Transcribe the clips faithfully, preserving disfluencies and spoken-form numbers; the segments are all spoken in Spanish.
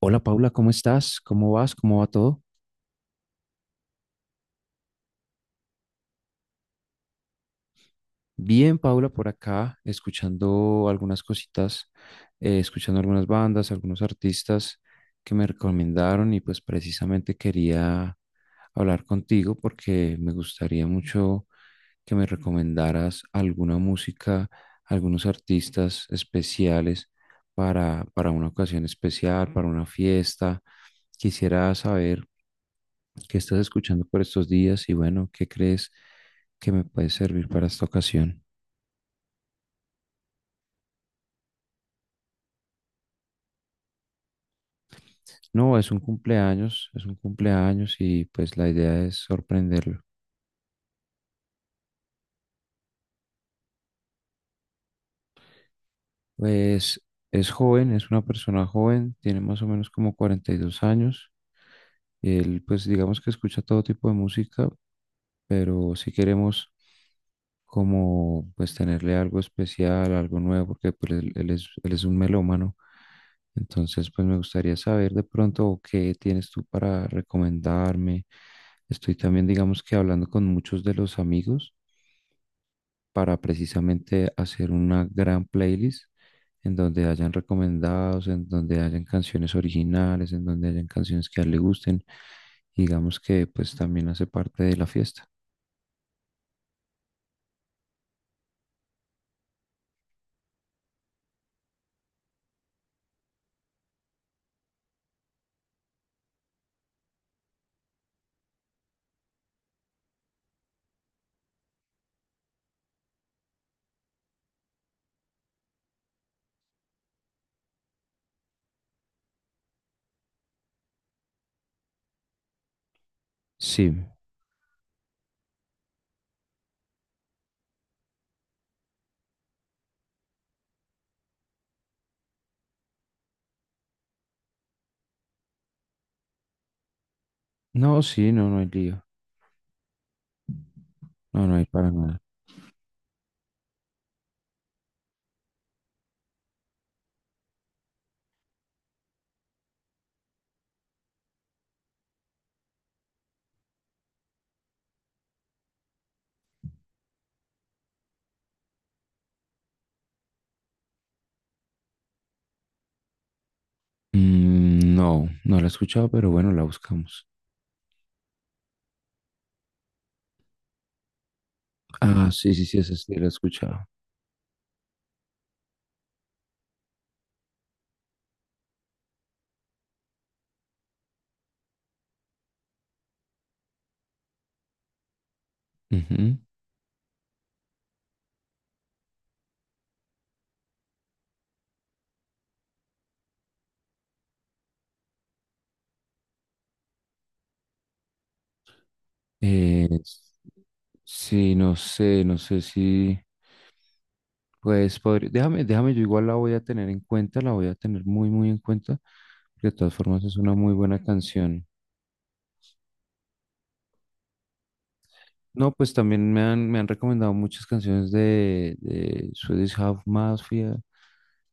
Hola Paula, ¿cómo estás? ¿Cómo vas? ¿Cómo va todo? Bien, Paula, por acá, escuchando algunas cositas, eh, escuchando algunas bandas, algunos artistas que me recomendaron y pues precisamente quería hablar contigo porque me gustaría mucho que me recomendaras alguna música, algunos artistas especiales para, para una ocasión especial, para una fiesta. Quisiera saber, ¿qué estás escuchando por estos días? Y bueno, ¿qué crees que me puede servir para esta ocasión? No, es un cumpleaños, es un cumpleaños y pues la idea es sorprenderlo. Pues es joven, es una persona joven, tiene más o menos como cuarenta y dos años. Él pues digamos que escucha todo tipo de música, pero si queremos como pues tenerle algo especial, algo nuevo, porque pues él, él es, él es un melómano. Entonces, pues me gustaría saber de pronto qué tienes tú para recomendarme. Estoy también, digamos que hablando con muchos de los amigos para precisamente hacer una gran playlist en donde hayan recomendados, en donde hayan canciones originales, en donde hayan canciones que a él le gusten. Digamos que pues también hace parte de la fiesta. Sí. No, sí, no, no hay lío. No, no hay para nada. Mm, no, no la he escuchado, pero bueno, la buscamos. Ah, sí, sí, sí, esa sí la he escuchado. Ujú. Eh, sí, no sé, no sé si, pues, podría, déjame, déjame, yo igual la voy a tener en cuenta, la voy a tener muy, muy en cuenta, porque de todas formas es una muy buena canción. No, pues también me han, me han recomendado muchas canciones de, de Swedish House Mafia,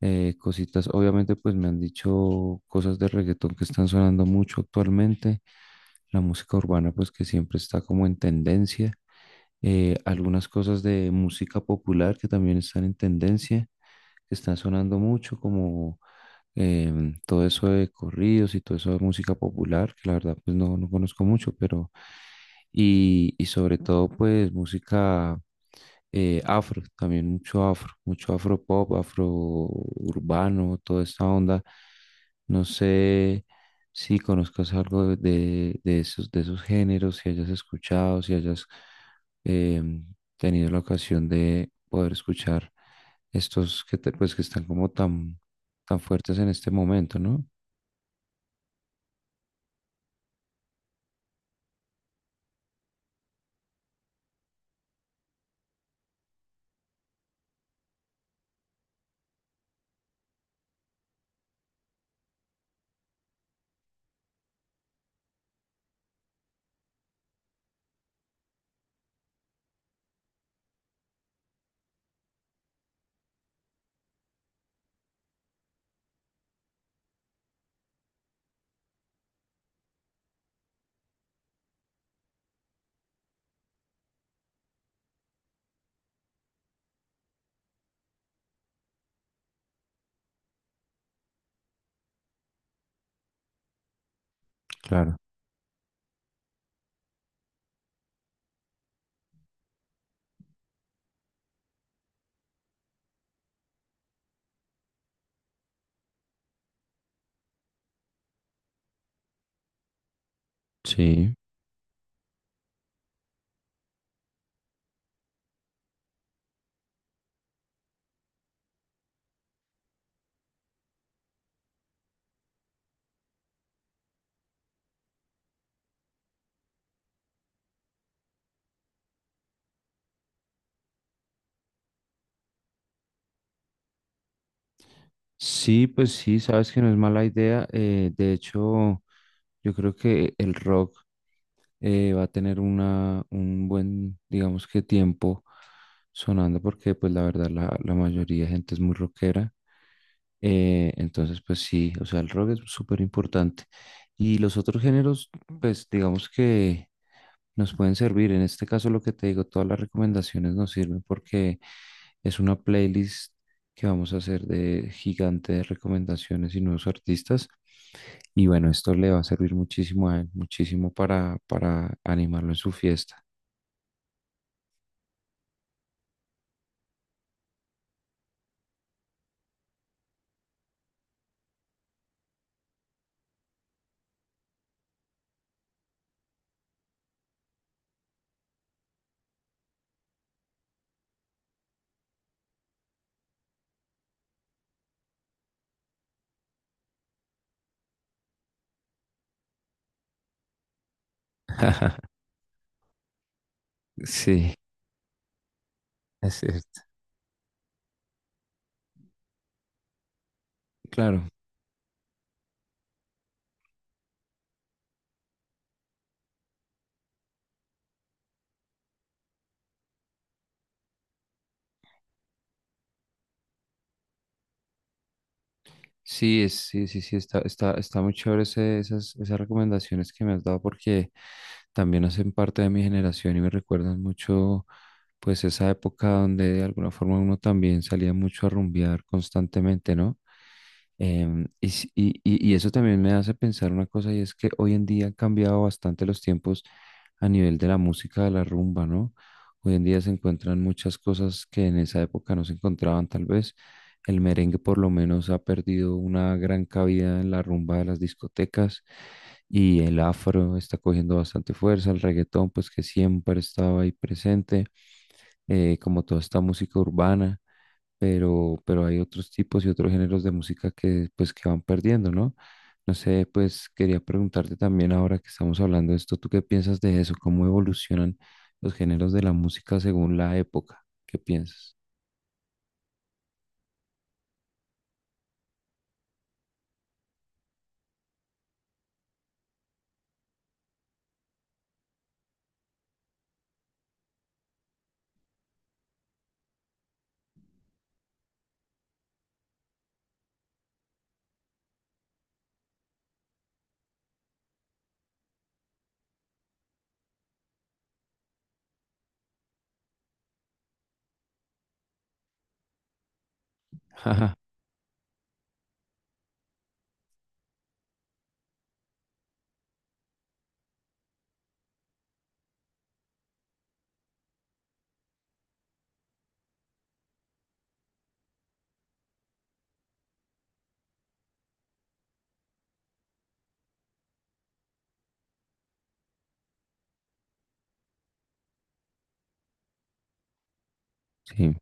eh, cositas. Obviamente, pues me han dicho cosas de reggaetón que están sonando mucho actualmente. La música urbana, pues que siempre está como en tendencia. Eh, algunas cosas de música popular que también están en tendencia, que están sonando mucho, como em, todo eso de corridos y todo eso de música popular, que la verdad pues no, no conozco mucho, pero y, y sobre todo pues música eh, afro, también mucho afro, mucho afro pop, afro urbano, toda esta onda. No sé si conozcas algo de, de esos, de esos géneros, si hayas escuchado, si hayas em, tenido la ocasión de poder escuchar estos que te- pues que están como tan tan fuertes en este momento, ¿no? Claro. Sí. Sí, pues sí, sabes que no es mala idea. Eh, de hecho, yo creo que el rock eh, va a tener una, un buen, digamos que tiempo sonando porque pues la verdad la, la mayoría de gente es muy rockera. Eh, entonces, pues sí, o sea, el rock es súper importante. Y los otros géneros, pues digamos que nos pueden servir. En este caso, lo que te digo, todas las recomendaciones nos sirven porque es una playlist que vamos a hacer de gigante de recomendaciones y nuevos artistas. Y bueno, esto le va a servir muchísimo a él, muchísimo para, para animarlo en su fiesta. Sí, es cierto. Claro. Sí, es, sí, sí, sí, está, está, está muy chévere ese- esas, esas recomendaciones que me has dado porque también hacen parte de mi generación y me recuerdan mucho pues esa época donde de alguna forma uno también salía mucho a rumbear constantemente, ¿no? Em, y, si- y- y- y eso también me hace pensar una cosa y es que hoy en día han cambiado bastante los tiempos a nivel de la música de la rumba, ¿no? Hoy en día se encuentran muchas cosas que en esa época no se encontraban tal vez. El merengue por lo menos ha perdido una gran cabida en la rumba de las discotecas y el afro está cogiendo bastante fuerza, el reggaetón pues que siempre estaba ahí presente, eh, como toda esta música urbana pero, pero hay otros tipos y otros géneros de música que pues que van perdiendo, ¿no? No sé, pues quería preguntarte también ahora que estamos hablando de esto, ¿tú qué piensas de eso? ¿Cómo evolucionan los géneros de la música según la época? ¿Qué piensas? Ajá, sí,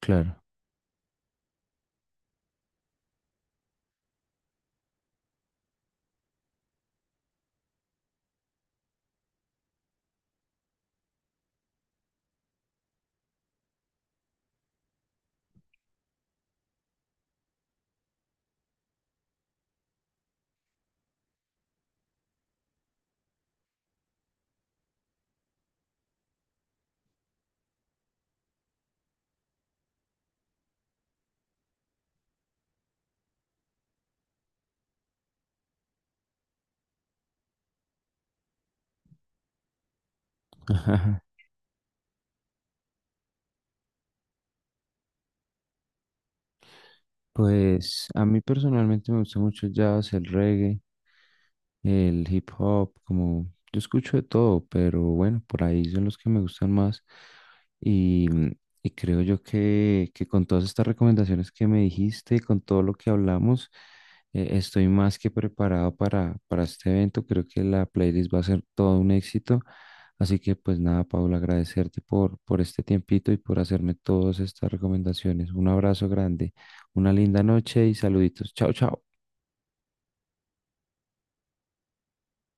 claro. Ajá. Pues a mí personalmente me gusta mucho el jazz, el reggae, el hip hop, como yo escucho de todo, pero bueno, por ahí son los que me gustan más. Y, mm, y creo yo que, que con todas estas recomendaciones que me dijiste, con todo lo que hablamos, eh, estoy más que preparado para, para este evento. Creo que la playlist va a ser todo un éxito. Así que pues nada, Paula, agradecerte por, por este tiempito y por hacerme todas estas recomendaciones. Un abrazo grande, una linda noche y saluditos. Chao, chao.